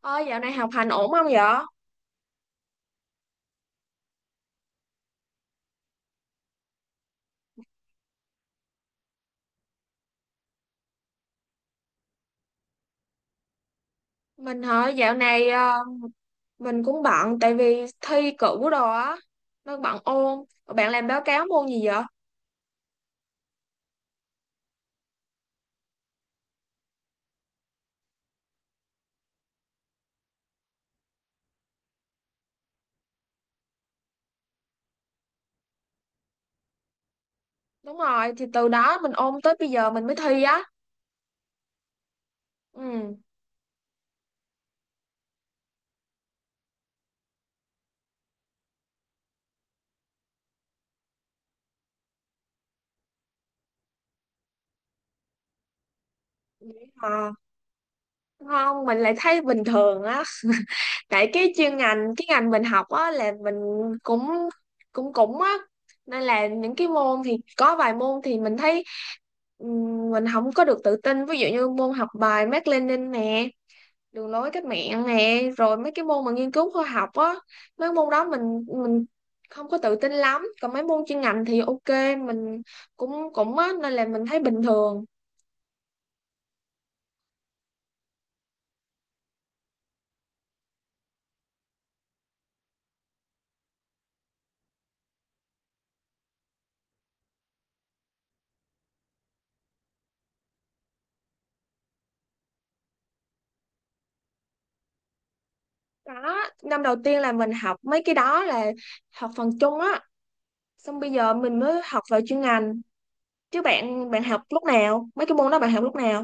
Ôi, dạo này học hành ổn không vậy? Mình hả? Dạo này mình cũng bận tại vì thi cử đồ á, nó bận ôn. Rồi bạn làm báo cáo môn gì vậy? Đúng rồi, thì từ đó mình ôn tới bây giờ mình mới thi á. Ừ. Vậy hả? Không, mình lại thấy bình thường á. Tại cái chuyên ngành, cái ngành mình học á là mình cũng cũng cũng á. Nên là những cái môn thì có vài môn thì mình thấy ừ, mình không có được tự tin. Ví dụ như môn học bài Mác Lênin nè, đường lối cách mạng nè, rồi mấy cái môn mà nghiên cứu khoa học á, mấy môn đó mình không có tự tin lắm, còn mấy môn chuyên ngành thì ok, mình cũng cũng á nên là mình thấy bình thường đó. Năm đầu tiên là mình học mấy cái đó, là học phần chung á, xong bây giờ mình mới học về chuyên ngành chứ bạn bạn học lúc nào, mấy cái môn đó bạn học lúc nào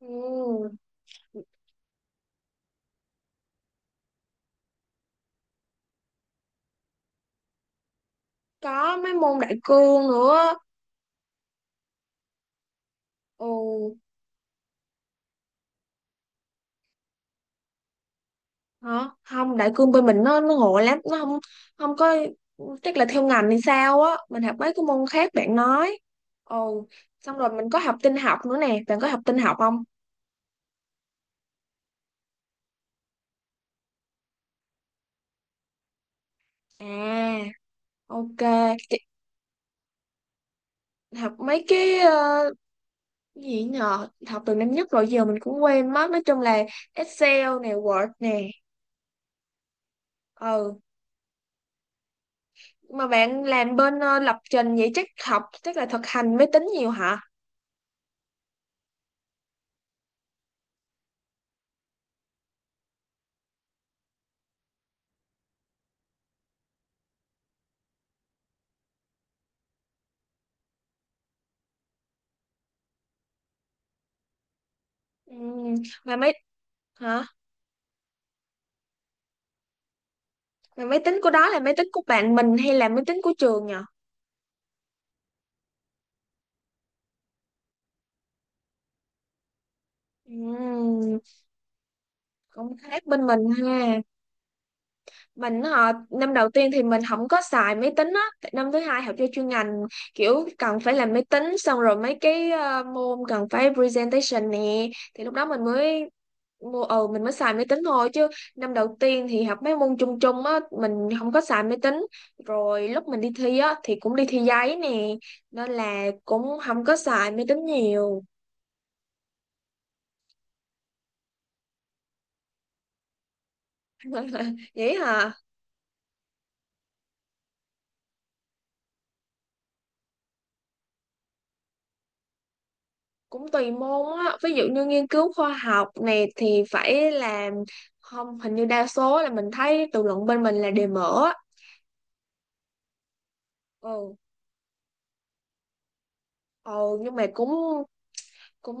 ừ, có mấy môn đại cương nữa. Ừ. Hả? Không, đại cương bên mình nó ngộ lắm, nó không không có, chắc là theo ngành hay sao á, mình học mấy cái môn khác bạn nói. Ồ, xong rồi mình có học tin học nữa nè, bạn có học tin học không? À, ok, Chị- học mấy cái gì nhờ, học từ năm nhất rồi giờ mình cũng quên mất, nói chung là Excel nè, Word nè. Ừ, mà bạn làm bên lập trình vậy chắc học chắc là thực hành máy tính nhiều hả? Ừ, mà mấy hả? Mà máy tính của đó là máy tính của bạn mình hay là máy tính của trường nhỉ? Ừm, cũng khác bên mình ha. Mình họ năm đầu tiên thì mình không có xài máy tính á, tại năm thứ hai học cho chuyên ngành kiểu cần phải làm máy tính, xong rồi mấy cái môn cần phải presentation nè thì lúc đó mình mới mua mình mới xài máy tính thôi, chứ năm đầu tiên thì học mấy môn chung chung á, mình không có xài máy tính, rồi lúc mình đi thi á thì cũng đi thi giấy nè, nên là cũng không có xài máy tính nhiều. Vậy hả? Cũng tùy môn á, ví dụ như nghiên cứu khoa học này thì phải làm, không hình như đa số là mình thấy tự luận bên mình là đề mở á. Ừ. Ồ, nhưng mà cũng cũng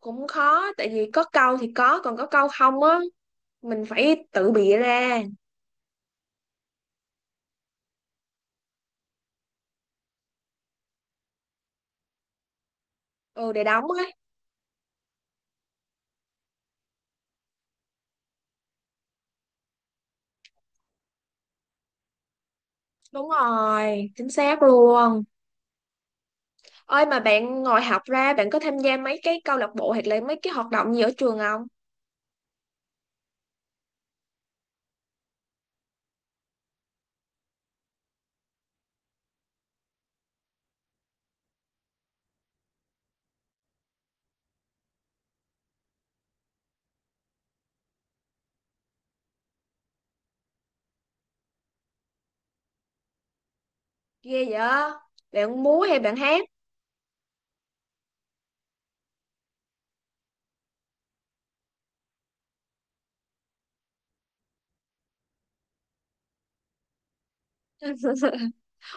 cũng khó tại vì có câu thì có, còn có câu không á, mình phải tự bịa ra. Ừ để đóng á. Đúng rồi, chính xác luôn. Ơi, mà bạn ngồi học ra bạn có tham gia mấy cái câu lạc bộ hoặc là mấy cái hoạt động gì ở trường không? Ghê vậy, bạn múa hay bạn hát?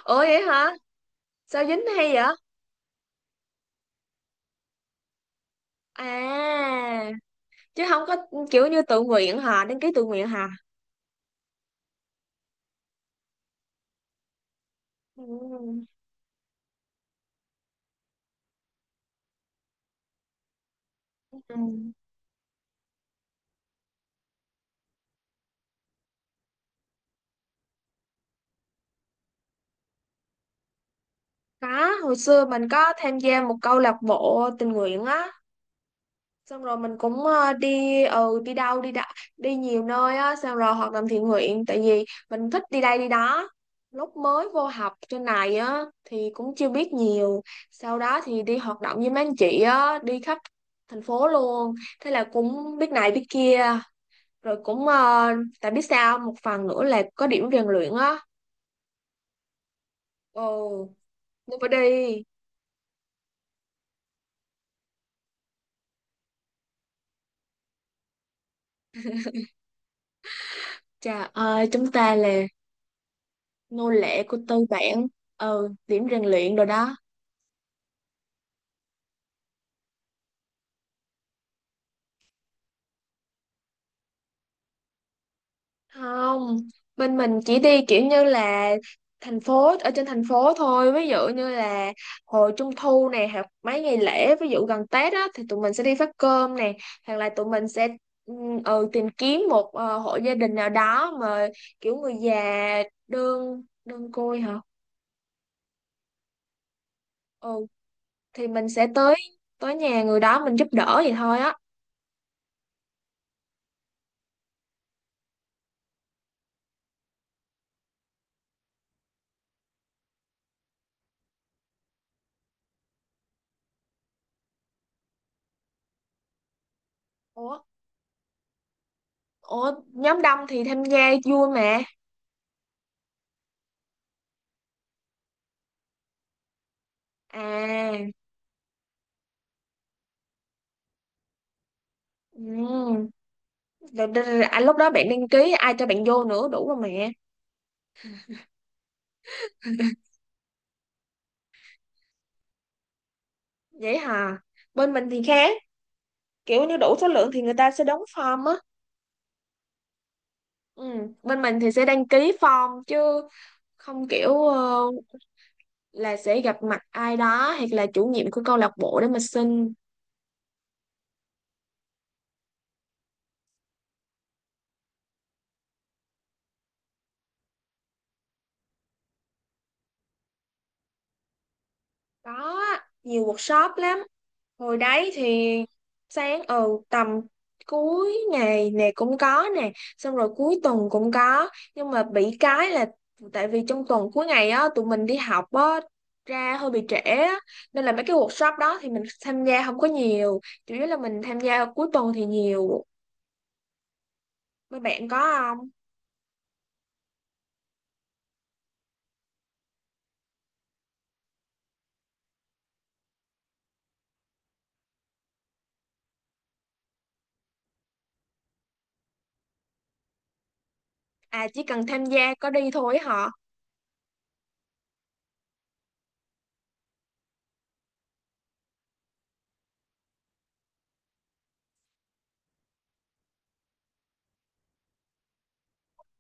Ủa vậy hả, sao dính hay vậy? À chứ không có kiểu như tự nguyện hả, đăng ký tự nguyện hả? Ừ. Ừ. Có, hồi xưa mình có tham gia một câu lạc bộ tình nguyện á, xong rồi mình cũng đi đi đâu đi nhiều nơi á, xong rồi hoạt động thiện nguyện tại vì mình thích đi đây đi đó. Lúc mới vô học trên này á thì cũng chưa biết nhiều, sau đó thì đi hoạt động với mấy anh chị á, đi khắp thành phố luôn, thế là cũng biết này biết kia, rồi cũng tại biết sao, một phần nữa là có điểm rèn luyện á. Ồ never đi. Trời ơi, chúng ta là nô lệ của tư bản. Ừ điểm rèn luyện rồi đó. Không, bên mình chỉ đi kiểu như là thành phố, ở trên thành phố thôi, ví dụ như là hồi trung thu này hoặc mấy ngày lễ, ví dụ gần Tết á thì tụi mình sẽ đi phát cơm nè, hoặc là tụi mình sẽ ừ, tìm kiếm một hộ gia đình nào đó mà kiểu người già đơn đơn côi hả, ừ thì mình sẽ tới tới nhà người đó mình giúp đỡ vậy thôi á. Ủa, ủa nhóm đông thì tham gia vui mà. À. Ừm, rồi, rồi, rồi, à, lúc đó bạn đăng ký ai cho bạn vô nữa, đủ rồi mẹ. Vậy hả, bên mình thì khác, kiểu như đủ số lượng thì người ta sẽ đóng form á. Ừ. Bên mình thì sẽ đăng ký form chứ không kiểu là sẽ gặp mặt ai đó hoặc là chủ nhiệm của câu lạc bộ để mà xin. Có á, nhiều workshop lắm, hồi đấy thì sáng tầm cuối ngày này cũng có nè, xong rồi cuối tuần cũng có, nhưng mà bị cái là tại vì trong tuần cuối ngày á tụi mình đi học á, ra hơi bị trễ á, nên là mấy cái workshop đó thì mình tham gia không có nhiều, chủ yếu là mình tham gia cuối tuần thì nhiều. Mấy bạn có không? À chỉ cần tham gia có đi thôi họ.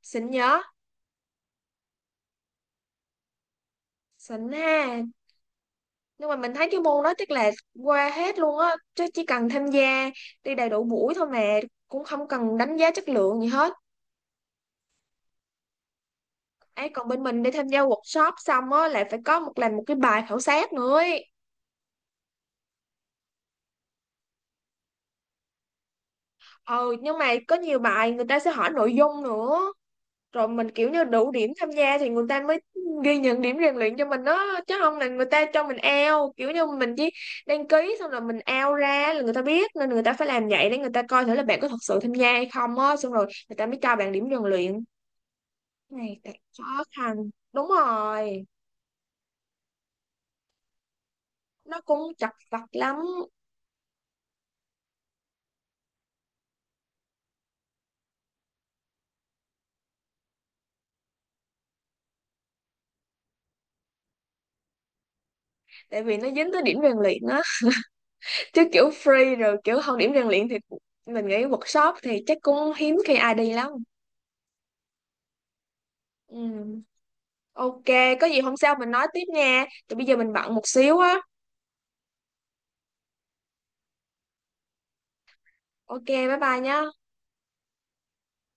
Xịn nhớ, xịn ha. Nhưng mà mình thấy cái môn đó chắc là qua hết luôn á, chứ chỉ cần tham gia đi đầy đủ buổi thôi mà, cũng không cần đánh giá chất lượng gì hết. Ấy còn bên mình đi tham gia workshop xong á là phải có làm một cái bài khảo sát nữa ấy. Ừ nhưng mà có nhiều bài người ta sẽ hỏi nội dung nữa, rồi mình kiểu như đủ điểm tham gia thì người ta mới ghi nhận điểm rèn luyện cho mình đó, chứ không là người ta cho mình out, kiểu như mình chỉ đăng ký xong là mình out ra là người ta biết, nên người ta phải làm vậy để người ta coi thử là bạn có thật sự tham gia hay không á, xong rồi người ta mới cho bạn điểm rèn luyện. Cái này thật khó khăn. Đúng rồi, nó cũng chặt vặt lắm tại vì nó dính tới điểm rèn luyện á, chứ kiểu free rồi, kiểu không điểm rèn luyện thì mình nghĩ workshop thì chắc cũng hiếm khi ai đi lắm. Ừ. Ok, có gì hôm sau mình nói tiếp nha. Thì bây giờ mình bận một xíu á. Ok, bye bye nhá.